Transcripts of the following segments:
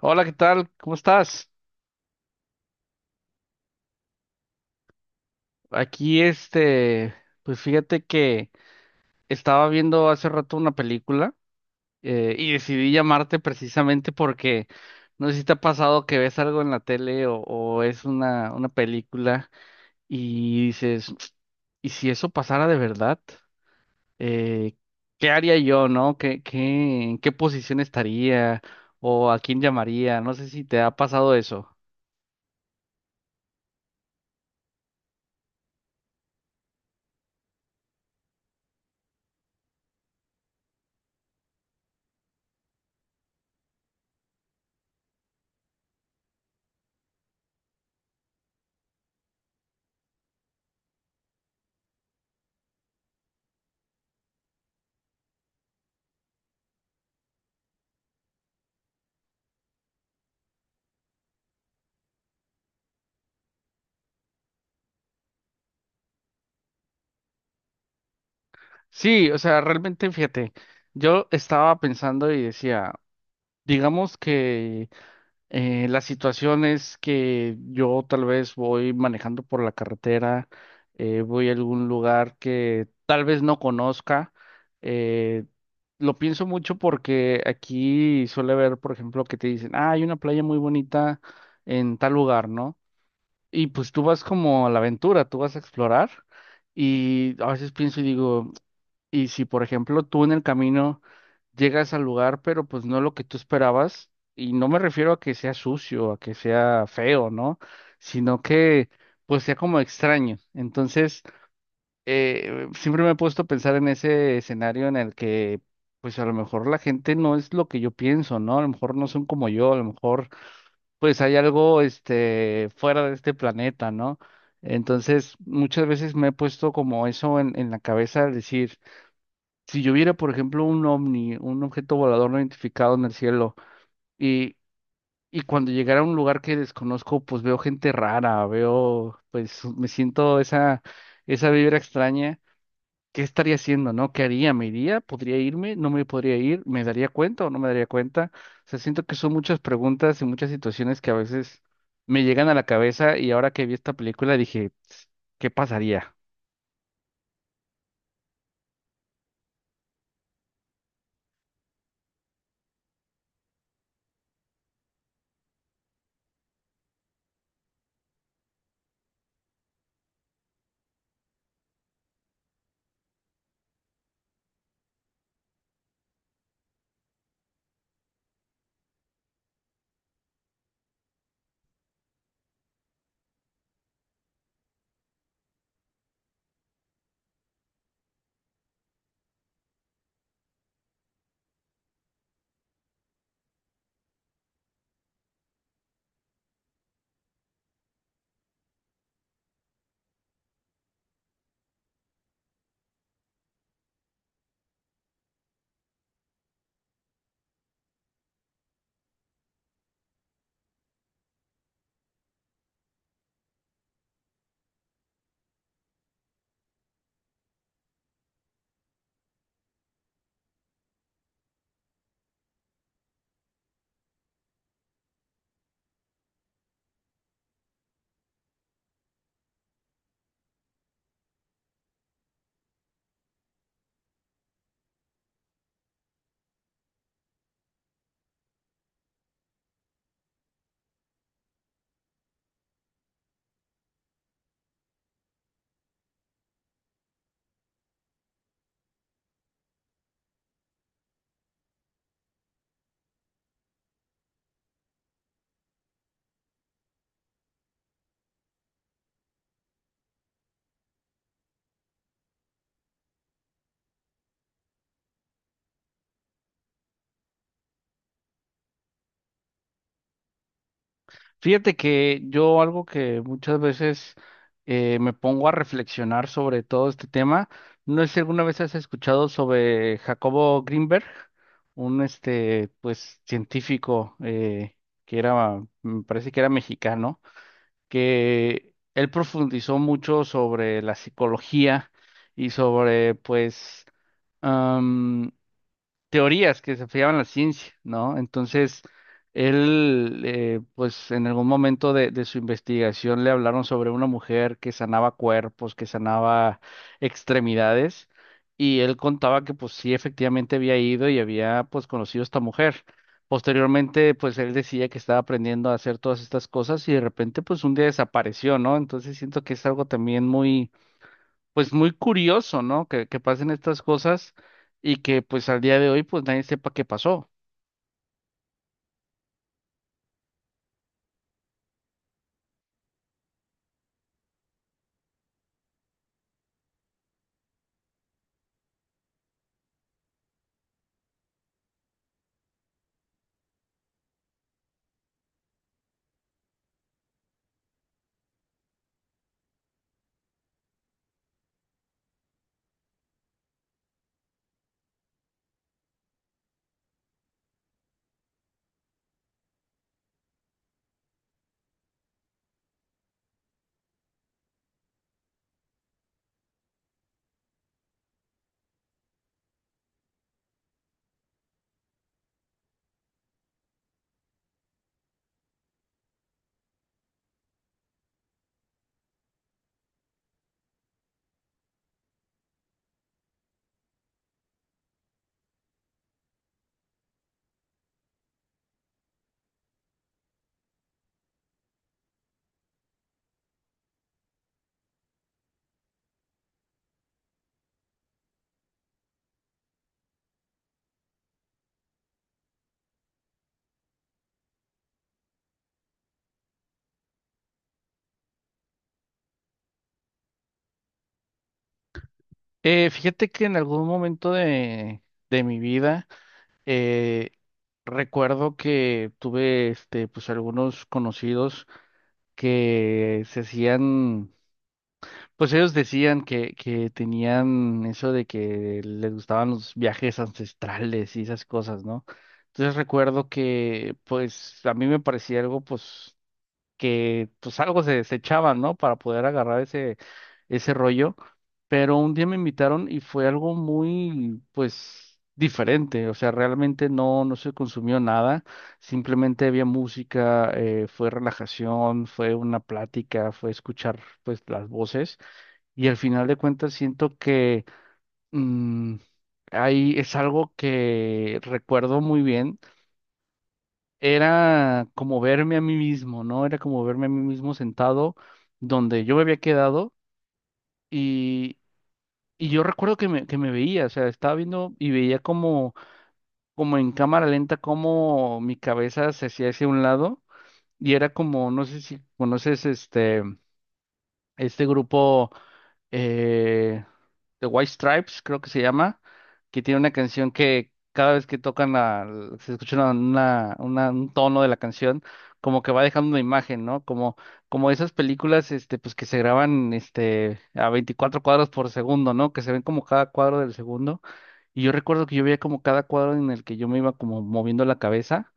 Hola, ¿qué tal? ¿Cómo estás? Aquí, pues fíjate que estaba viendo hace rato una película y decidí llamarte precisamente porque no sé si te ha pasado que ves algo en la tele o es una película y dices, ¿y si eso pasara de verdad? Eh, ¿Qué haría yo, no? ¿En qué posición estaría? ¿O a quién llamaría? No sé si te ha pasado eso. Sí, o sea, realmente fíjate, yo estaba pensando y decía, digamos que las situaciones que yo tal vez voy manejando por la carretera, voy a algún lugar que tal vez no conozca, eh, lo pienso mucho porque aquí suele haber, por ejemplo, que te dicen, ah, hay una playa muy bonita en tal lugar, ¿no? Y pues tú vas como a la aventura, tú vas a explorar. Y a veces pienso y digo, y si, por ejemplo, tú en el camino llegas al lugar, pero pues no lo que tú esperabas, y no me refiero a que sea sucio, a que sea feo, ¿no? Sino que pues sea como extraño. Entonces, siempre me he puesto a pensar en ese escenario en el que pues a lo mejor la gente no es lo que yo pienso, ¿no? A lo mejor no son como yo, a lo mejor pues hay algo este fuera de este planeta, ¿no? Entonces, muchas veces me he puesto como eso en la cabeza al decir si yo viera, por ejemplo, un ovni, un objeto volador no identificado en el cielo, y, y cuando llegara a un lugar que desconozco, pues veo gente rara, veo, pues me siento esa, esa vibra extraña. ¿Qué estaría haciendo, no? ¿Qué haría? ¿Me iría? ¿Podría irme? ¿No me podría ir? ¿Me daría cuenta o no me daría cuenta? O sea, siento que son muchas preguntas y muchas situaciones que a veces me llegan a la cabeza y ahora que vi esta película dije, "Tss, ¿qué pasaría?" Fíjate que yo algo que muchas veces me pongo a reflexionar sobre todo este tema, no sé si alguna vez has escuchado sobre Jacobo Greenberg, un este pues científico que era, me parece que era mexicano, que él profundizó mucho sobre la psicología y sobre pues teorías que se fiaban en la ciencia, ¿no? Entonces, él, pues en algún momento de su investigación le hablaron sobre una mujer que sanaba cuerpos, que sanaba extremidades, y él contaba que pues sí, efectivamente había ido y había pues conocido a esta mujer. Posteriormente, pues él decía que estaba aprendiendo a hacer todas estas cosas y de repente, pues un día desapareció, ¿no? Entonces siento que es algo también muy pues muy curioso, ¿no? Que pasen estas cosas y que pues al día de hoy pues nadie sepa qué pasó. Fíjate que en algún momento de mi vida eh, recuerdo que tuve este pues algunos conocidos que se hacían, pues ellos decían que tenían eso de que les gustaban los viajes ancestrales y esas cosas, ¿no? Entonces recuerdo que pues a mí me parecía algo pues que pues algo se echaban, ¿no? Para poder agarrar ese, ese rollo. Pero un día me invitaron y fue algo muy, pues, diferente. O sea, realmente no, no se consumió nada. Simplemente había música, fue relajación, fue una plática, fue escuchar, pues, las voces. Y al final de cuentas siento que mm, ahí es algo que recuerdo muy bien, era como verme a mí mismo, ¿no? Era como verme a mí mismo sentado donde yo me había quedado y, y yo recuerdo que me veía, o sea, estaba viendo y veía como, como en cámara lenta cómo mi cabeza se hacía hacia un lado y era como, no sé si conoces este grupo eh, The White Stripes, creo que se llama, que tiene una canción que cada vez que tocan la, se escucha una, un tono de la canción, como que va dejando una imagen, ¿no? Como, como esas películas, este, pues que se graban, este, a 24 cuadros por segundo, ¿no? Que se ven como cada cuadro del segundo. Y yo recuerdo que yo veía como cada cuadro en el que yo me iba como moviendo la cabeza.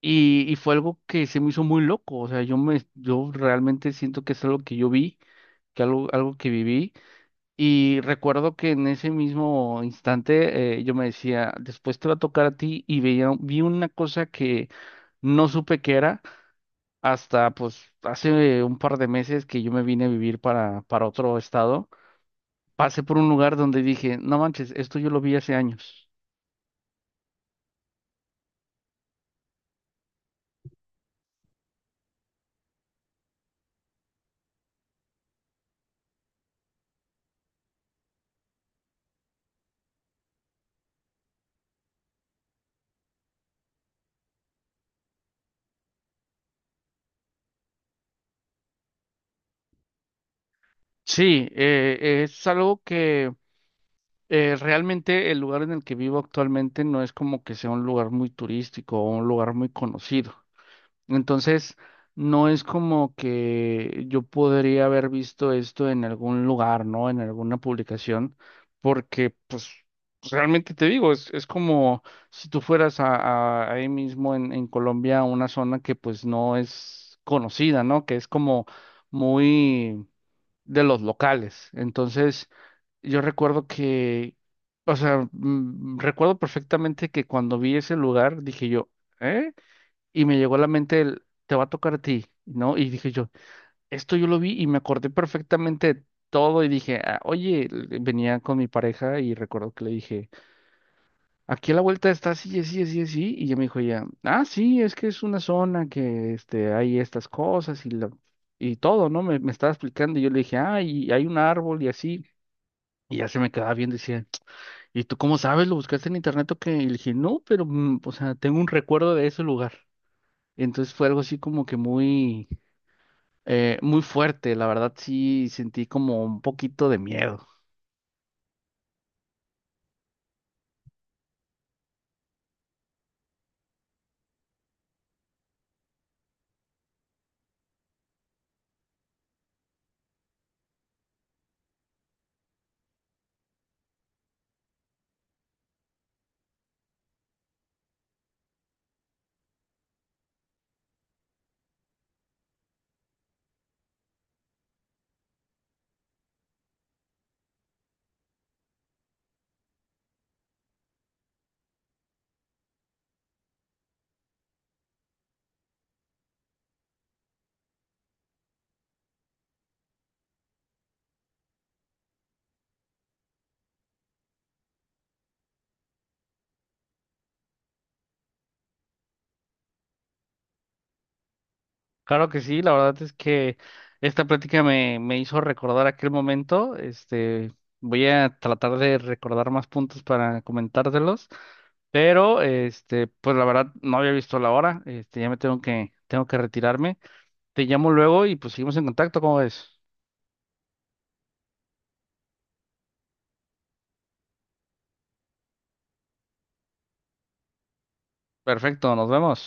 Y fue algo que se me hizo muy loco. O sea, yo me, yo realmente siento que es algo que yo vi, que algo, algo que viví. Y recuerdo que en ese mismo instante yo me decía, después te va a tocar a ti y veía, vi una cosa que no supe qué era hasta pues hace un par de meses que yo me vine a vivir para otro estado. Pasé por un lugar donde dije, no manches, esto yo lo vi hace años. Sí, es algo que realmente el lugar en el que vivo actualmente no es como que sea un lugar muy turístico o un lugar muy conocido. Entonces, no es como que yo podría haber visto esto en algún lugar, ¿no? En alguna publicación, porque pues realmente te digo, es como si tú fueras a, ahí mismo en Colombia, a una zona que pues no es conocida, ¿no? Que es como muy de los locales. Entonces, yo recuerdo que, o sea, recuerdo perfectamente que cuando vi ese lugar, dije yo, ¿eh? Y me llegó a la mente el, te va a tocar a ti, ¿no? Y dije yo, esto yo lo vi y me acordé perfectamente de todo y dije, "Ah, oye, venía con mi pareja y recuerdo que le dije, aquí a la vuelta está así, así, así, así, y ella me dijo ya, ah, sí, es que es una zona que este, hay estas cosas y, la, y todo, ¿no? Me estaba explicando y yo le dije, ah, y hay un árbol y así. Y ya se me quedaba bien, decía, ¿y tú cómo sabes? ¿Lo buscaste en internet o qué? Y le dije, no, pero, o sea, tengo un recuerdo de ese lugar. Entonces fue algo así como que muy, muy fuerte, la verdad sí sentí como un poquito de miedo. Claro que sí, la verdad es que esta plática me, me hizo recordar aquel momento. Este, voy a tratar de recordar más puntos para comentártelos, pero este, pues la verdad no había visto la hora. Este, ya me tengo que retirarme. Te llamo luego y pues seguimos en contacto, ¿cómo ves? Perfecto, nos vemos.